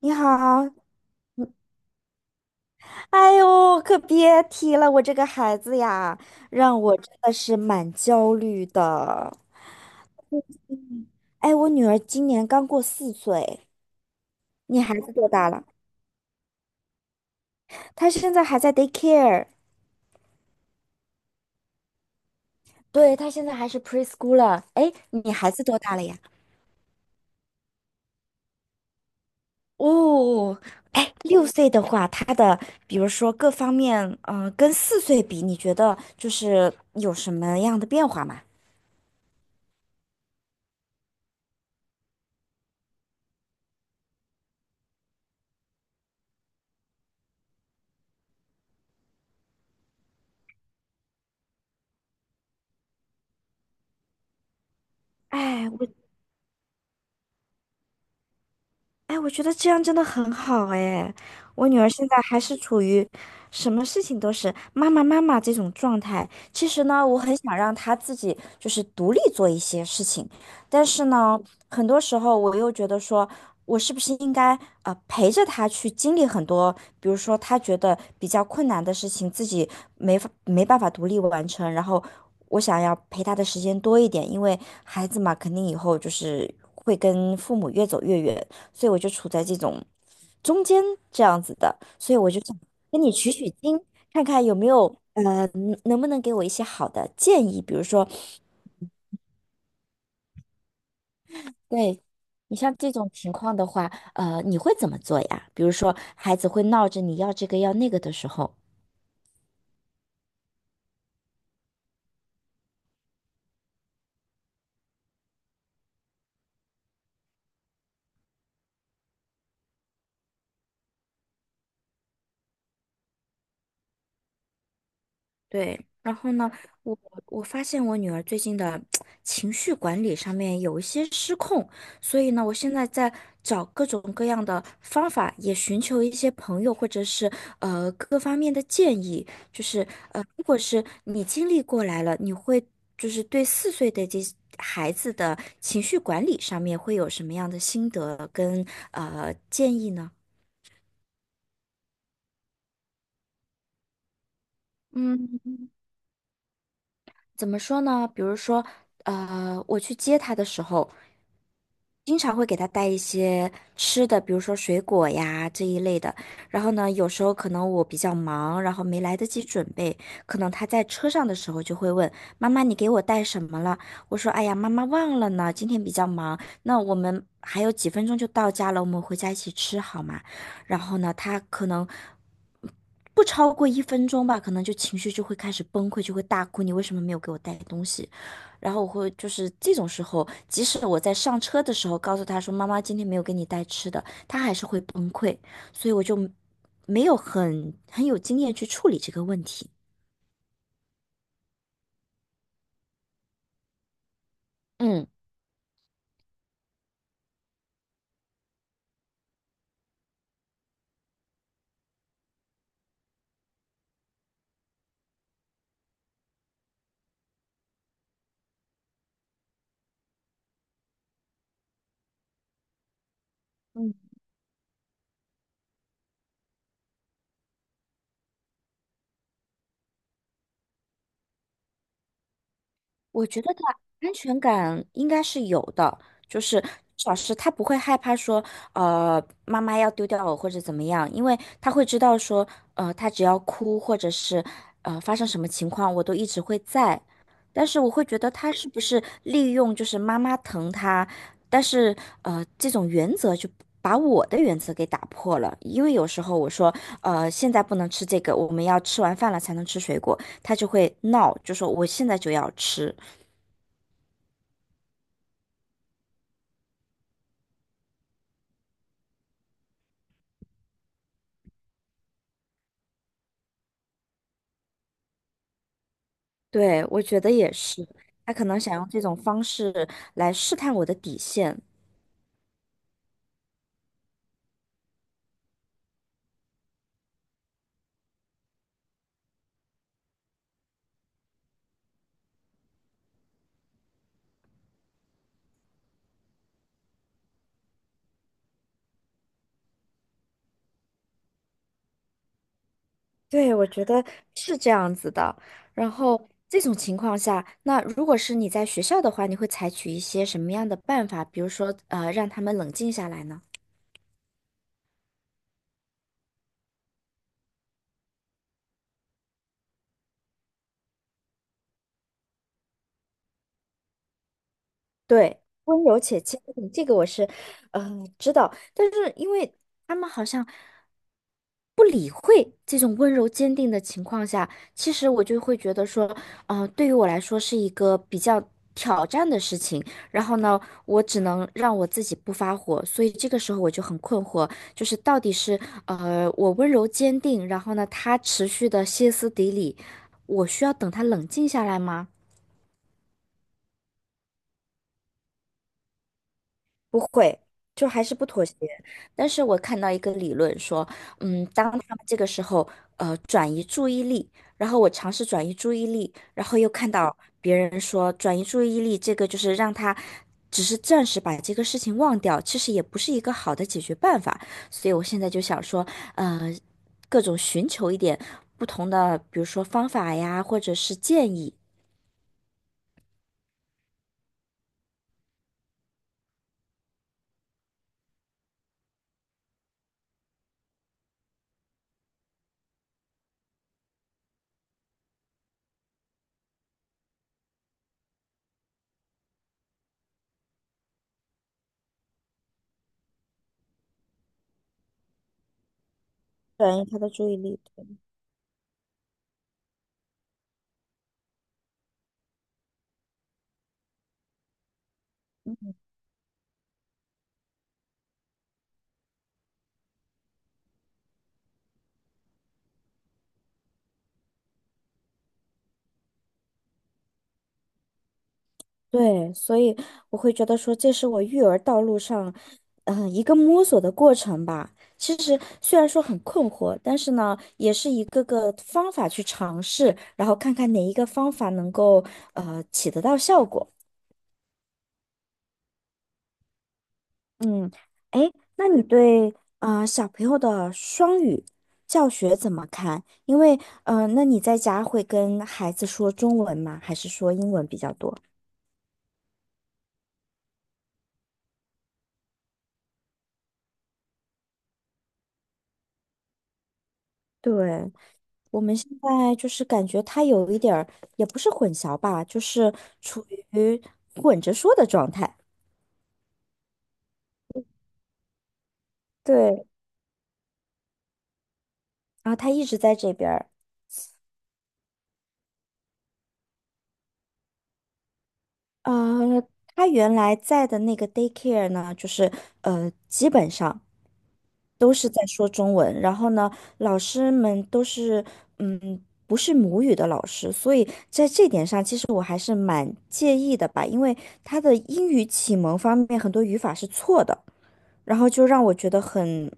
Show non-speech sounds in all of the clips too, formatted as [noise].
你好。嗯。哎呦，可别提了，我这个孩子呀，让我真的是蛮焦虑的。嗯，哎，我女儿今年刚过四岁。你孩子多大了？她现在还在 daycare。对，她现在还是 preschool 了。r 哎，你孩子多大了呀？哦。哎，六岁的话，比如说各方面，跟四岁比，你觉得就是有什么样的变化吗？哎，我哎，我觉得这样真的很好哎。我女儿现在还是处于什么事情都是妈妈妈妈这种状态。其实呢，我很想让她自己就是独立做一些事情，但是呢，很多时候我又觉得说，我是不是应该陪着她去经历很多，比如说她觉得比较困难的事情，自己没办法独立完成，然后我想要陪她的时间多一点，因为孩子嘛，肯定以后就是会跟父母越走越远。所以我就处在这种中间这样子的，所以我就想跟你取取经，看看有没有能不能给我一些好的建议，比如说，对。你像这种情况的话，你会怎么做呀？比如说孩子会闹着你要这个要那个的时候。对，然后呢，我我发现我女儿最近的 [tsk] 情绪管理上面有一些失控。所以呢，我现在在找各种各样的方法，也寻求一些朋友或者是各方面的建议。就是如果是你经历过来了，你会就是对四岁的这孩子的情绪管理上面会有什么样的心得跟建议呢？嗯。怎么说呢？比如说，我去接他的时候，经常会给他带一些吃的，比如说水果呀这一类的。然后呢，有时候可能我比较忙，然后没来得及准备，可能他在车上的时候就会问妈妈：“你给我带什么了？”我说：“哎呀，妈妈忘了呢，今天比较忙。那我们还有几分钟就到家了，我们回家一起吃好吗？”然后呢，他可能不超过一分钟吧，可能就情绪就会开始崩溃，就会大哭，你为什么没有给我带东西？然后我会就是这种时候，即使我在上车的时候告诉他说妈妈今天没有给你带吃的，他还是会崩溃，所以我就没有很有经验去处理这个问题。嗯。我觉得他安全感应该是有的，就是至少是他不会害怕说，呃，妈妈要丢掉我或者怎么样，因为他会知道说，他只要哭或者是发生什么情况，我都一直会在。但是我会觉得他是不是利用就是妈妈疼他，但是这种原则就把我的原则给打破了，因为有时候我说，现在不能吃这个，我们要吃完饭了才能吃水果，他就会闹，就说我现在就要吃。对，我觉得也是，他可能想用这种方式来试探我的底线。对，我觉得是这样子的。然后这种情况下，那如果是你在学校的话，你会采取一些什么样的办法？比如说，让他们冷静下来呢？对，温柔且坚定，这个我是，知道。但是因为他们好像。这种温柔坚定的情况下，其实我就会觉得说，对于我来说是一个比较挑战的事情。然后呢，我只能让我自己不发火，所以这个时候我就很困惑，就是到底是我温柔坚定，然后呢他持续的歇斯底里，我需要等他冷静下来吗？不会，就还是不妥协。但是我看到一个理论说，嗯，当他们这个时候转移注意力，然后我尝试转移注意力，然后又看到别人说转移注意力这个就是让他只是暂时把这个事情忘掉，其实也不是一个好的解决办法。所以我现在就想说，呃，各种寻求一点不同的，比如说方法呀，或者是建议，转移他的注意力。对，所以我会觉得说，这是我育儿道路上，一个摸索的过程吧。其实虽然说很困惑，但是呢，也是一个个方法去尝试，然后看看哪一个方法能够起得到效果。嗯。哎，那你对小朋友的双语教学怎么看？因为那你在家会跟孩子说中文吗？还是说英文比较多？对，我们现在就是感觉他有一点儿，也不是混淆吧，就是处于混着说的状态。对，然后他一直在这边儿。呃，他原来在的那个 daycare 呢，就是基本上都是在说中文，然后呢，老师们都是嗯，不是母语的老师，所以在这点上，其实我还是蛮介意的吧，因为他的英语启蒙方面很多语法是错的，然后就让我觉得很。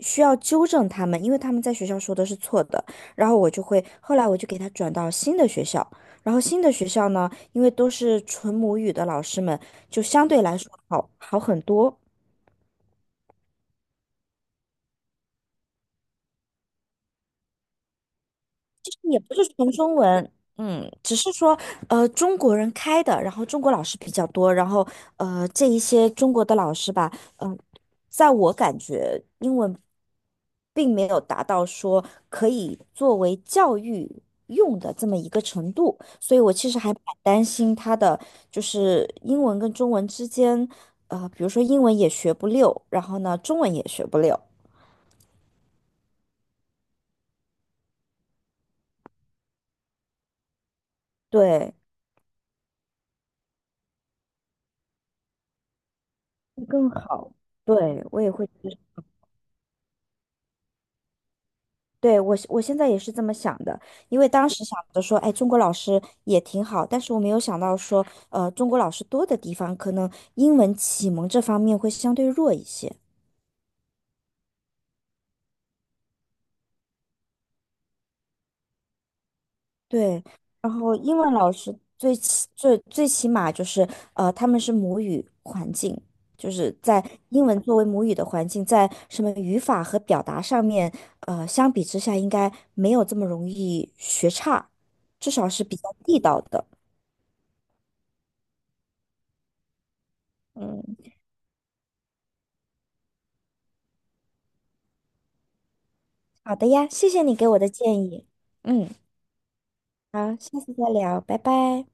需要纠正他们，因为他们在学校说的是错的。然后我就会，后来我就给他转到新的学校。然后新的学校呢，因为都是纯母语的老师们，就相对来说好很多。也不是纯中文，只是说中国人开的，然后中国老师比较多，然后这一些中国的老师吧，嗯、在我感觉英文并没有达到说可以作为教育用的这么一个程度，所以我其实还蛮担心他的就是英文跟中文之间，比如说英文也学不溜，然后呢中文也学不溜。对，会更好。对，我也会。对，我现在也是这么想的，因为当时想着说，哎，中国老师也挺好，但是我没有想到说，中国老师多的地方，可能英文启蒙这方面会相对弱一些。对，然后英文老师最起码就是，他们是母语环境，就是在英文作为母语的环境，在什么语法和表达上面，相比之下应该没有这么容易学差，至少是比较地道的。嗯。好的呀，谢谢你给我的建议。嗯，好，下次再聊，拜拜。